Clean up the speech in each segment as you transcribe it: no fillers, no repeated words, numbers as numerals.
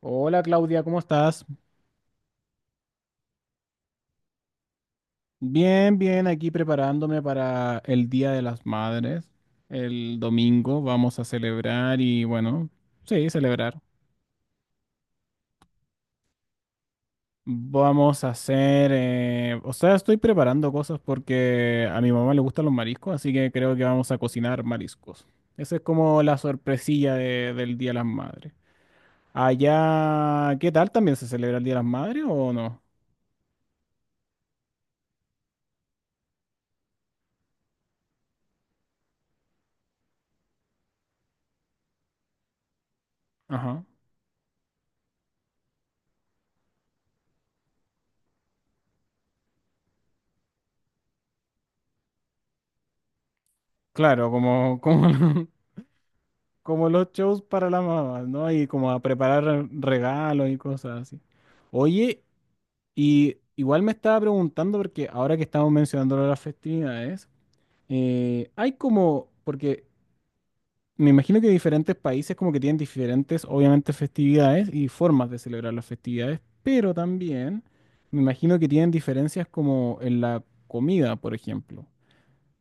Hola Claudia, ¿cómo estás? Bien, aquí preparándome para el Día de las Madres. El domingo vamos a celebrar y bueno, sí, celebrar. Vamos a hacer, o sea, estoy preparando cosas porque a mi mamá le gustan los mariscos, así que creo que vamos a cocinar mariscos. Esa es como la sorpresilla del Día de las Madres. Allá, ¿qué tal? ¿También se celebra el Día de las Madres o no? Ajá. Claro, como los shows para las mamás, ¿no? Y como a preparar regalos y cosas así. Oye, y igual me estaba preguntando, porque ahora que estamos mencionando lo de las festividades, hay como, porque me imagino que diferentes países como que tienen diferentes, obviamente, festividades y formas de celebrar las festividades, pero también me imagino que tienen diferencias como en la comida, por ejemplo.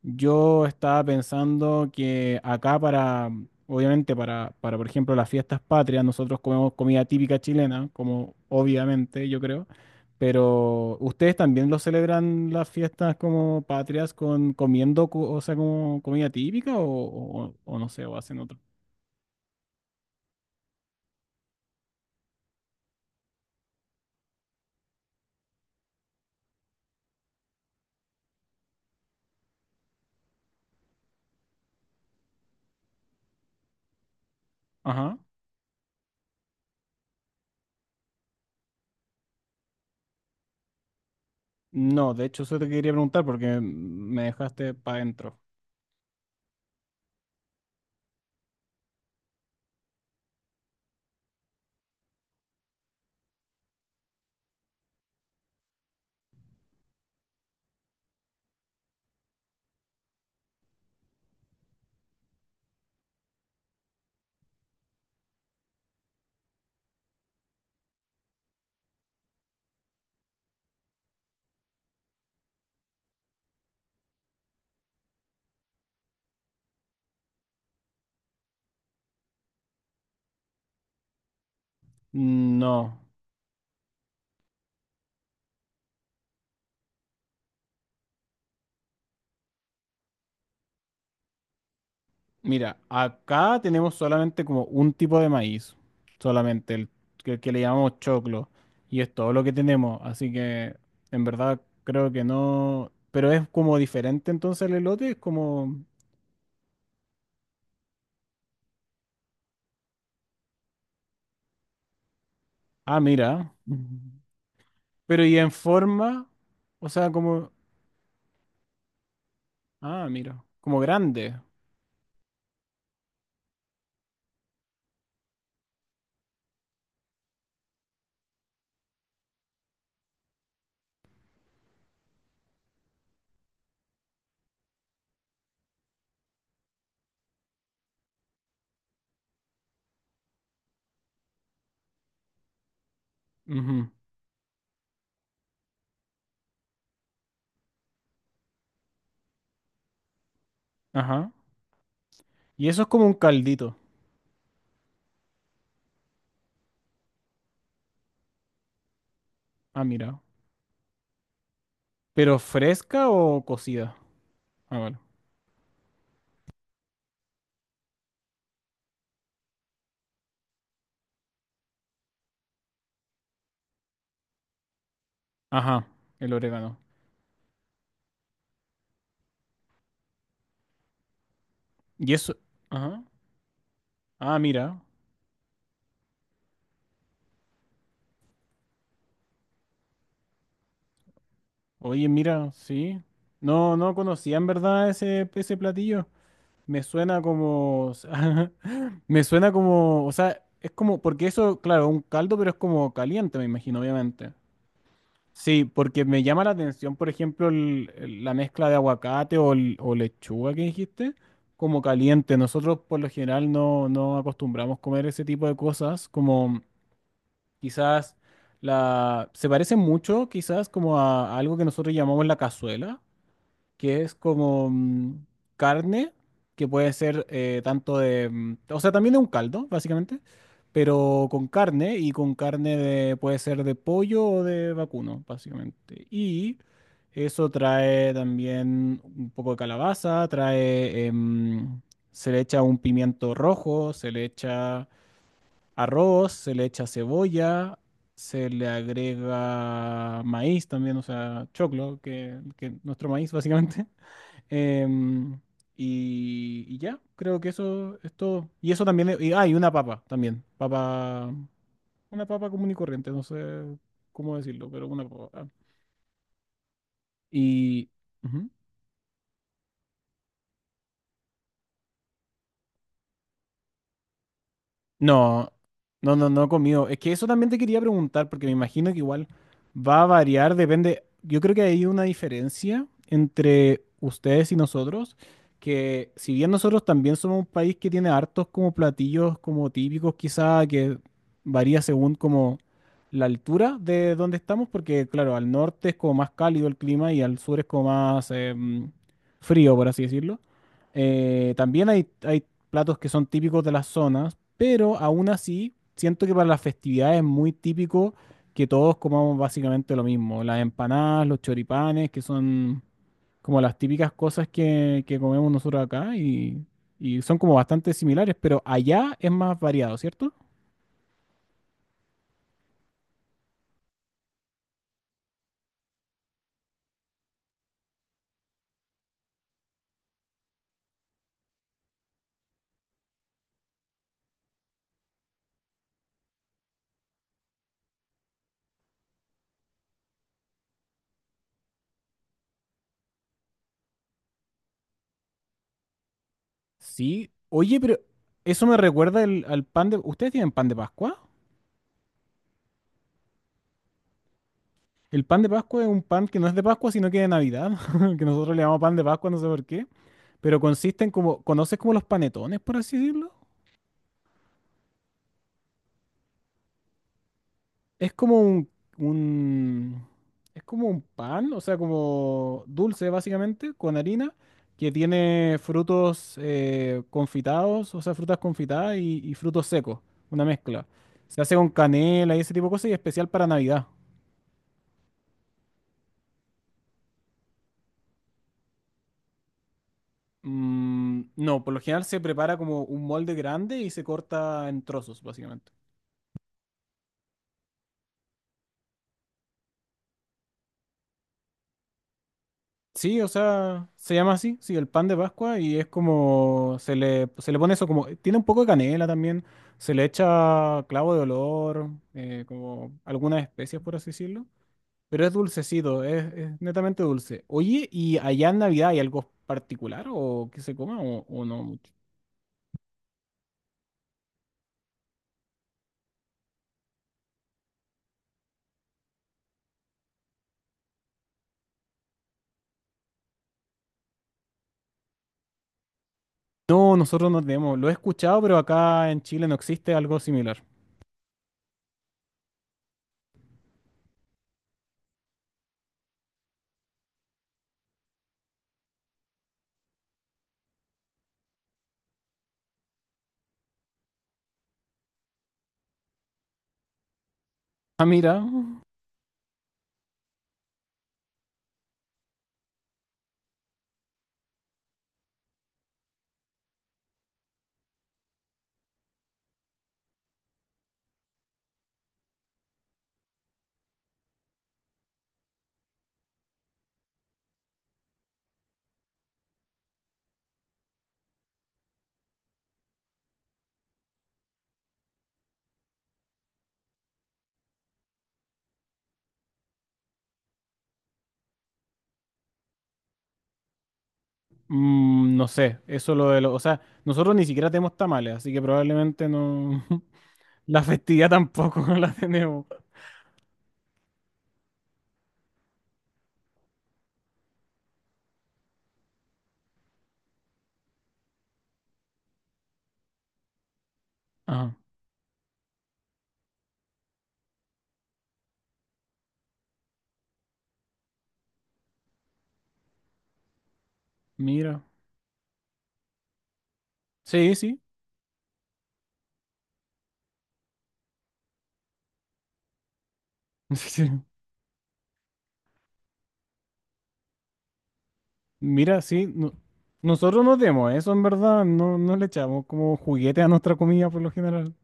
Yo estaba pensando que acá para, obviamente por ejemplo, las fiestas patrias, nosotros comemos comida típica chilena, como obviamente yo creo, pero ustedes también lo celebran las fiestas como patrias con comiendo, o sea, como comida típica o, o no sé, o hacen otro. Ajá. No, de hecho eso te quería preguntar porque me dejaste para adentro. No. Mira, acá tenemos solamente como un tipo de maíz, solamente el que le llamamos choclo, y es todo lo que tenemos, así que en verdad creo que no, pero es como diferente entonces el elote, es como, ah, mira, pero y en forma, o sea, como, ah, mira, como grande, ujú, ajá, y eso es como un caldito, ah, mira, pero fresca o cocida, ah, bueno, ajá, el orégano, y eso, ajá, ah, mira. Oye, mira, sí. No, no conocía en verdad ese, ese platillo. Me suena como. Me suena como. O sea, es como. Porque eso, claro, un caldo, pero es como caliente, me imagino, obviamente. Sí, porque me llama la atención, por ejemplo, la mezcla de aguacate o, o lechuga que dijiste, como caliente. Nosotros, por lo general, no acostumbramos comer ese tipo de cosas, como quizás. La, se parece mucho quizás como a algo que nosotros llamamos la cazuela, que es como carne, que puede ser tanto de, o sea, también de un caldo, básicamente, pero con carne y con carne de, puede ser de pollo o de vacuno, básicamente. Y eso trae también un poco de calabaza, trae, se le echa un pimiento rojo, se le echa arroz, se le echa cebolla. Se le agrega maíz también, o sea, choclo, que nuestro maíz básicamente. Em, y ya, creo que eso es todo. Y eso también, y, ah, y una papa también. Papa, una papa común y corriente, no sé cómo decirlo, pero una papa. Y, ujú. No, no, no he comido. Es que eso también te quería preguntar, porque me imagino que igual va a variar, depende. Yo creo que hay una diferencia entre ustedes y nosotros, que si bien nosotros también somos un país que tiene hartos como platillos como típicos, quizá que varía según como la altura de donde estamos, porque claro, al norte es como más cálido el clima y al sur es como más frío, por así decirlo. También hay platos que son típicos de las zonas, pero aún así siento que para las festividades es muy típico que todos comamos básicamente lo mismo. Las empanadas, los choripanes, que son como las típicas cosas que comemos nosotros acá y son como bastante similares, pero allá es más variado, ¿cierto? Sí. Oye, pero eso me recuerda al pan de... ¿Ustedes tienen pan de Pascua? El pan de Pascua es un pan que no es de Pascua, sino que de Navidad, que nosotros le llamamos pan de Pascua, no sé por qué. Pero consiste en como, ¿conoces como los panetones, por así decirlo? Es como un, un- es como un pan, o sea, como dulce básicamente, con harina, que tiene frutos confitados, o sea, frutas confitadas y frutos secos, una mezcla. Se hace con canela y ese tipo de cosas y especial para Navidad. Mm, no, por lo general se prepara como un molde grande y se corta en trozos, básicamente. Sí, o sea, se llama así, sí, el pan de Pascua y es como, se le pone eso como, tiene un poco de canela también, se le echa clavo de olor, como algunas especias por así decirlo, pero es dulcecito, es netamente dulce. Oye, ¿y allá en Navidad hay algo particular o que se coma o no mucho? No, nosotros no tenemos, lo he escuchado, pero acá en Chile no existe algo similar. Ah, mira, mm, no sé, eso o sea, nosotros ni siquiera tenemos tamales, así que probablemente no... La festividad tampoco la tenemos. Ah, mira. Sí, sí. Sí. Mira, sí. no- Nosotros nos demos eso, en verdad. No, no le echamos como juguete a nuestra comida por lo general.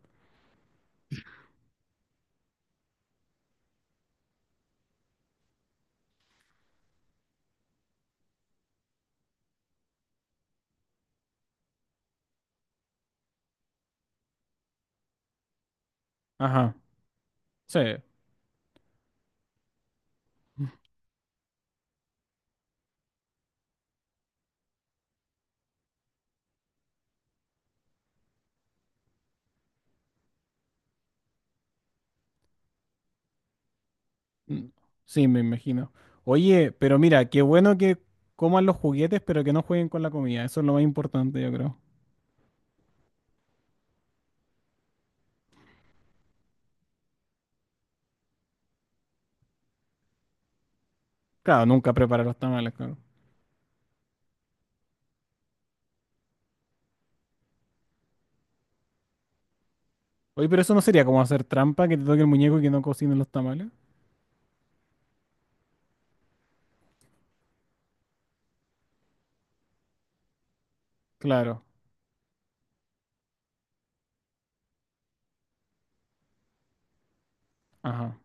Ajá. Sí. Mm, sí, me imagino. Oye, pero mira, qué bueno que coman los juguetes, pero que no jueguen con la comida. Eso es lo más importante, yo creo. Claro, nunca preparar los tamales, claro. Oye, pero eso no sería como hacer trampa, que te toque el muñeco y que no cocine los tamales. Claro. Ajá.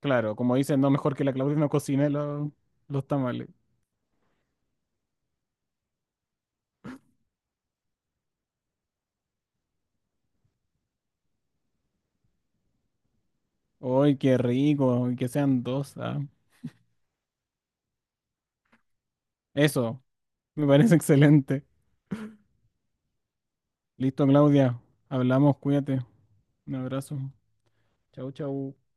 Claro, como dicen, no, mejor que la Claudia no cocine los tamales. ¡Ay, qué rico! Y que sean dos. Ah. Eso, me parece excelente. Listo, Claudia. Hablamos, cuídate. Un abrazo. Chau, chau.